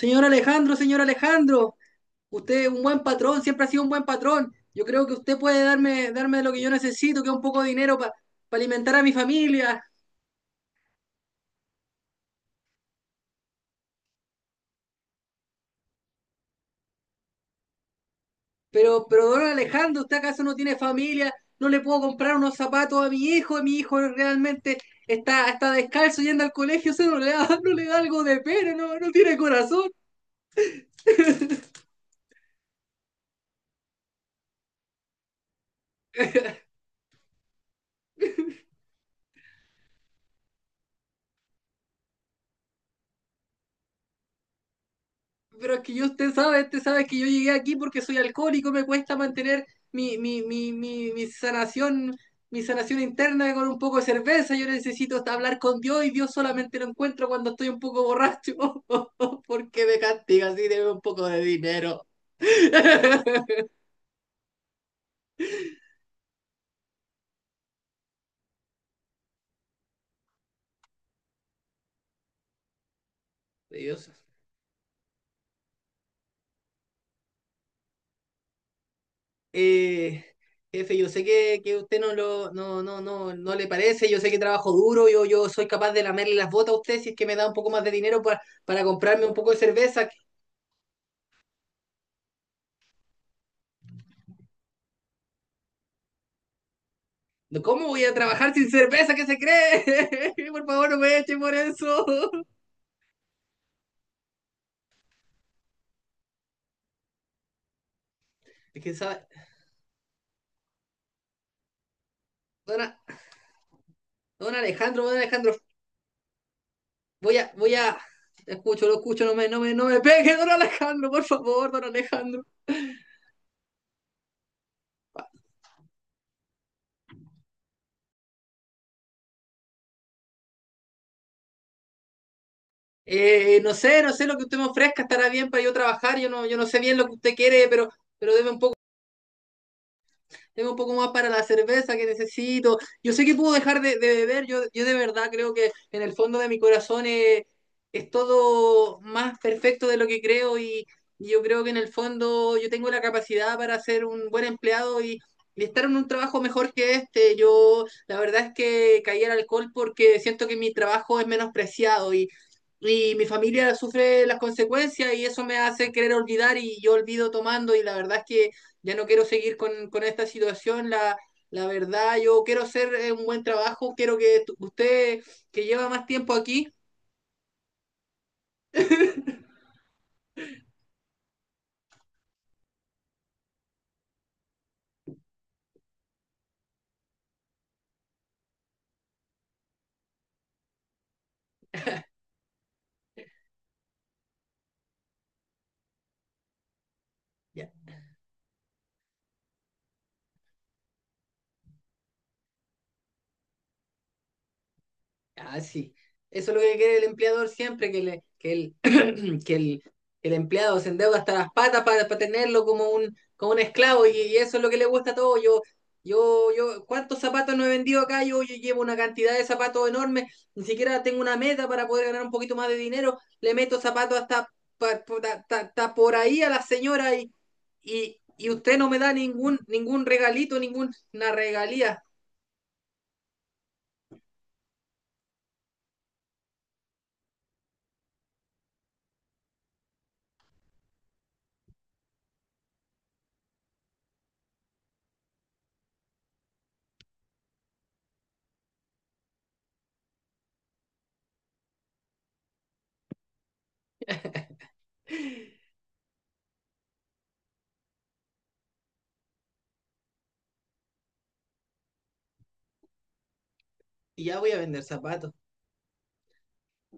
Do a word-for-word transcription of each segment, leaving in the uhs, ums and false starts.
Señor Alejandro, señor Alejandro, usted es un buen patrón, siempre ha sido un buen patrón. Yo creo que usted puede darme, darme lo que yo necesito, que es un poco de dinero para alimentar a mi familia. Pero, pero, don Alejandro, ¿usted acaso no tiene familia? No le puedo comprar unos zapatos a mi hijo, mi hijo realmente está, está descalzo yendo al colegio, o sea, no le da, no le da algo de pena, no, no tiene corazón. Pero es que yo, usted sabe, usted sabe que yo llegué aquí porque soy alcohólico, me cuesta mantener mi, mi, mi, mi, mi sanación, mi sanación interna con un poco de cerveza. Yo necesito hasta hablar con Dios y Dios solamente lo encuentro cuando estoy un poco borracho. ¿Por qué me castiga así? Debe un poco de dinero. Dios. Eh, Jefe, yo sé que, que usted no lo, no, no, no, no le parece, yo sé que trabajo duro, yo, yo soy capaz de lamerle las botas a usted si es que me da un poco más de dinero para, para comprarme un poco de cerveza. No, ¿cómo voy a trabajar sin cerveza? ¿Qué se cree? Por favor, no me echen por eso. Es que, ¿sabe? Don, don Alejandro, don Alejandro, voy a, voy a. Escucho, lo escucho, no me, no me, no me pegue, don Alejandro, por favor, don Alejandro. Eh, no sé, no sé lo que usted me ofrezca, estará bien para yo trabajar, yo no, yo no sé bien lo que usted quiere, pero, pero deme un poco, tengo un poco más para la cerveza que necesito. Yo sé que puedo dejar de, de beber, yo, yo de verdad creo que en el fondo de mi corazón es, es todo más perfecto de lo que creo, y, y yo creo que en el fondo yo tengo la capacidad para ser un buen empleado, y, y estar en un trabajo mejor que este. Yo la verdad es que caí al alcohol porque siento que mi trabajo es menospreciado y y mi familia sufre las consecuencias y eso me hace querer olvidar y yo olvido tomando y la verdad es que ya no quiero seguir con, con esta situación, la, la verdad, yo quiero hacer eh, un buen trabajo, quiero que usted, que lleva más tiempo aquí, ya. Ah, sí. Eso es lo que quiere el empleador siempre, que, le, que, el, que el, el empleado se endeuda hasta las patas para, para tenerlo como un, como un esclavo, y, y eso es lo que le gusta a todo. Yo, yo, yo, ¿cuántos zapatos no he vendido acá? Yo, yo llevo una cantidad de zapatos enorme, ni siquiera tengo una meta para poder ganar un poquito más de dinero. Le meto zapatos hasta, pa- pa- ta- ta- ta por ahí a la señora, y, y, y usted no me da ningún, ningún regalito, ninguna regalía. Y ya voy a vender zapatos.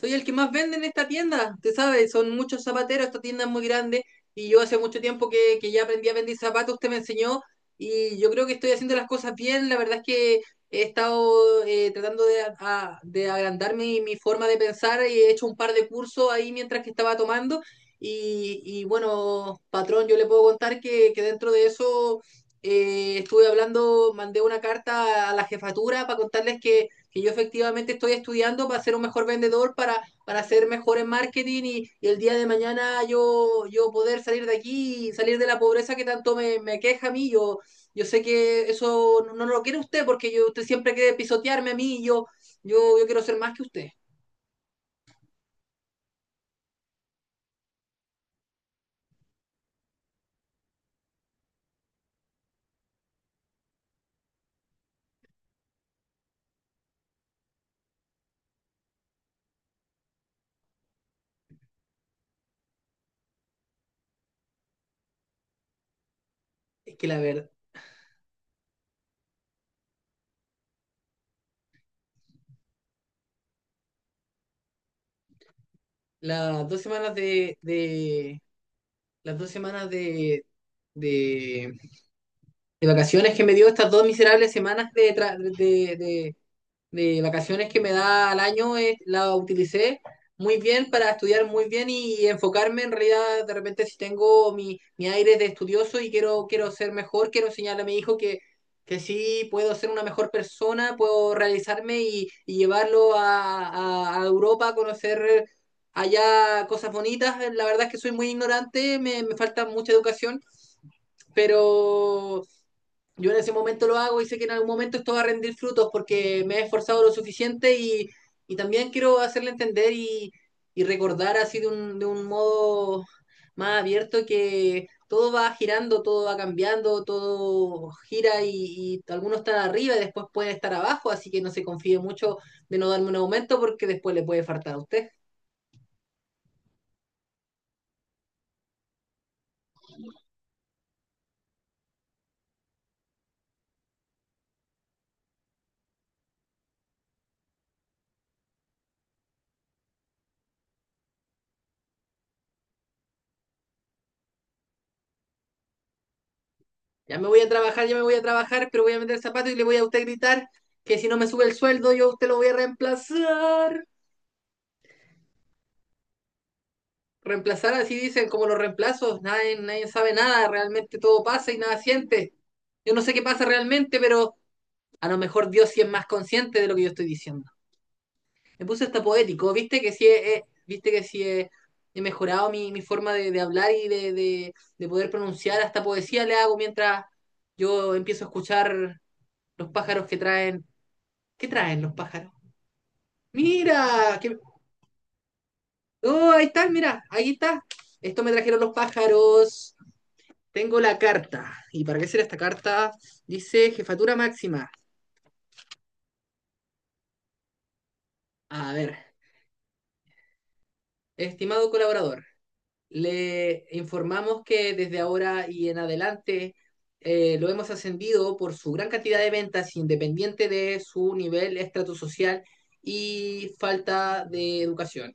Soy el que más vende en esta tienda, te sabes, son muchos zapateros, esta tienda es muy grande y yo hace mucho tiempo que, que ya aprendí a vender zapatos, usted me enseñó y yo creo que estoy haciendo las cosas bien. La verdad es que he estado eh, tratando de, a- de agrandar mi, mi forma de pensar, y he hecho un par de cursos ahí mientras que estaba tomando. Y y bueno, patrón, yo le puedo contar que, que dentro de eso eh, estuve hablando, mandé una carta a la jefatura para contarles que que yo efectivamente estoy estudiando para ser un mejor vendedor, para, para ser mejor en marketing, y, y el día de mañana yo, yo poder salir de aquí y salir de la pobreza que tanto me, me queja a mí. Yo, yo sé que eso no, no, lo quiere usted porque yo, usted siempre quiere pisotearme a mí, y yo, yo, yo quiero ser más que usted. Es que la verdad, las dos semanas de, de las dos semanas de, de, de vacaciones que me dio, estas dos miserables semanas de, tra- de, de, de vacaciones que me da al año, eh, la utilicé muy bien para estudiar muy bien y enfocarme. En realidad, de repente si tengo mi, mi aire de estudioso y quiero, quiero ser mejor, quiero enseñarle a mi hijo que, que sí puedo ser una mejor persona, puedo realizarme y, y llevarlo a, a, a Europa a conocer allá cosas bonitas. La verdad es que soy muy ignorante, me, me falta mucha educación, pero yo en ese momento lo hago y sé que en algún momento esto va a rendir frutos porque me he esforzado lo suficiente, y, y también quiero hacerle entender y, y recordar así de un, de un modo más abierto que todo va girando, todo va cambiando, todo gira, y, y algunos están arriba y después pueden estar abajo, así que no se confíe mucho de no darme un aumento porque después le puede faltar a usted. Ya me voy a trabajar, ya me voy a trabajar, pero voy a meter zapatos y le voy a usted gritar que si no me sube el sueldo yo a usted lo voy a reemplazar. Reemplazar así dicen, como los reemplazos, nadie, nadie sabe nada, realmente todo pasa y nada siente. Yo no sé qué pasa realmente, pero a lo mejor Dios sí es más consciente de lo que yo estoy diciendo. Me puse hasta poético, viste que sí he, he- viste que sí he, he mejorado mi, mi forma de, de hablar y de, de- de poder pronunciar. Hasta poesía le hago mientras yo empiezo a escuchar los pájaros que traen. ¿Qué traen los pájaros? Mira, que... Oh, ahí están, mira, ahí está. Esto me trajeron los pájaros. Tengo la carta. ¿Y para qué será esta carta? Dice Jefatura Máxima. A ver, estimado colaborador, le informamos que desde ahora y en adelante eh, lo hemos ascendido por su gran cantidad de ventas, independiente de su nivel estratosocial y falta de educación.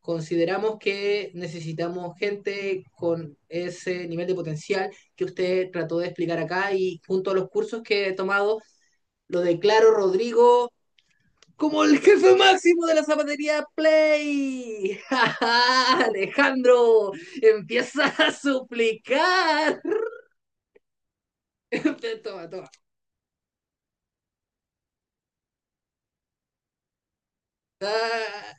Consideramos que necesitamos gente con ese nivel de potencial que usted trató de explicar acá, y junto a los cursos que he tomado, lo declaro Rodrigo como el jefe máximo de la zapatería Play. ¡Ja, ja! Alejandro empieza a suplicar. Toma, toma. Ah,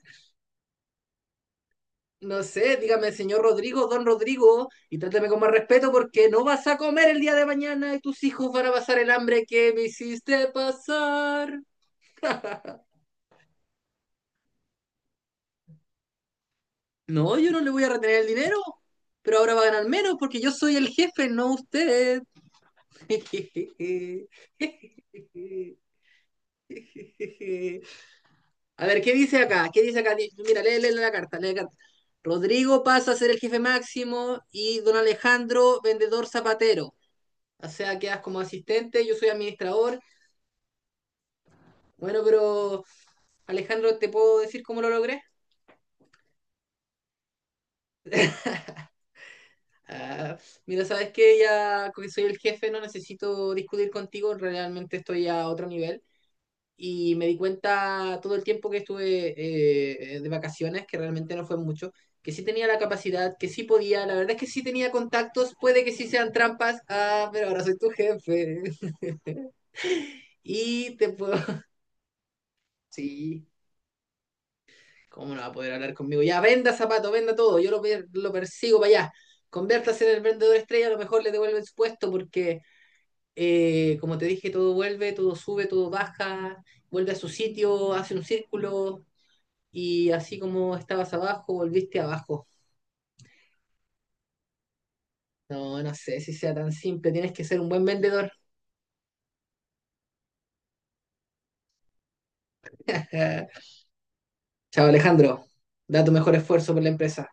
no sé, dígame, señor Rodrigo, don Rodrigo, y trátame con más respeto porque no vas a comer el día de mañana y tus hijos van a pasar el hambre que me hiciste pasar. No, yo no le voy a retener el dinero, pero ahora va a ganar menos porque yo soy el jefe, no usted. A ver, ¿qué dice acá? ¿Qué dice acá? Di- Mira, lee, lee la carta, lee la carta. Rodrigo pasa a ser el jefe máximo y don Alejandro, vendedor zapatero. O sea, quedas como asistente, yo soy administrador. Bueno, pero Alejandro, ¿te puedo decir cómo lo logré? Ah, mira, sabes que ya que soy el jefe, no necesito discutir contigo, realmente estoy a otro nivel. Y me di cuenta todo el tiempo que estuve eh, eh, de vacaciones, que realmente no fue mucho, que sí tenía la capacidad, que sí podía, la verdad es que sí tenía contactos, puede que sí sean trampas, ah, pero ahora soy tu jefe. Y te puedo... Sí, ¿cómo no va a poder hablar conmigo? Ya, venda zapato, venda todo, yo lo, lo persigo para allá. Conviértase en el vendedor estrella, a lo mejor le devuelven su puesto porque, eh, como te dije, todo vuelve, todo sube, todo baja, vuelve a su sitio, hace un círculo, y así como estabas abajo, volviste abajo. No, no sé si sea tan simple, tienes que ser un buen vendedor. Chao Alejandro, da tu mejor esfuerzo por la empresa.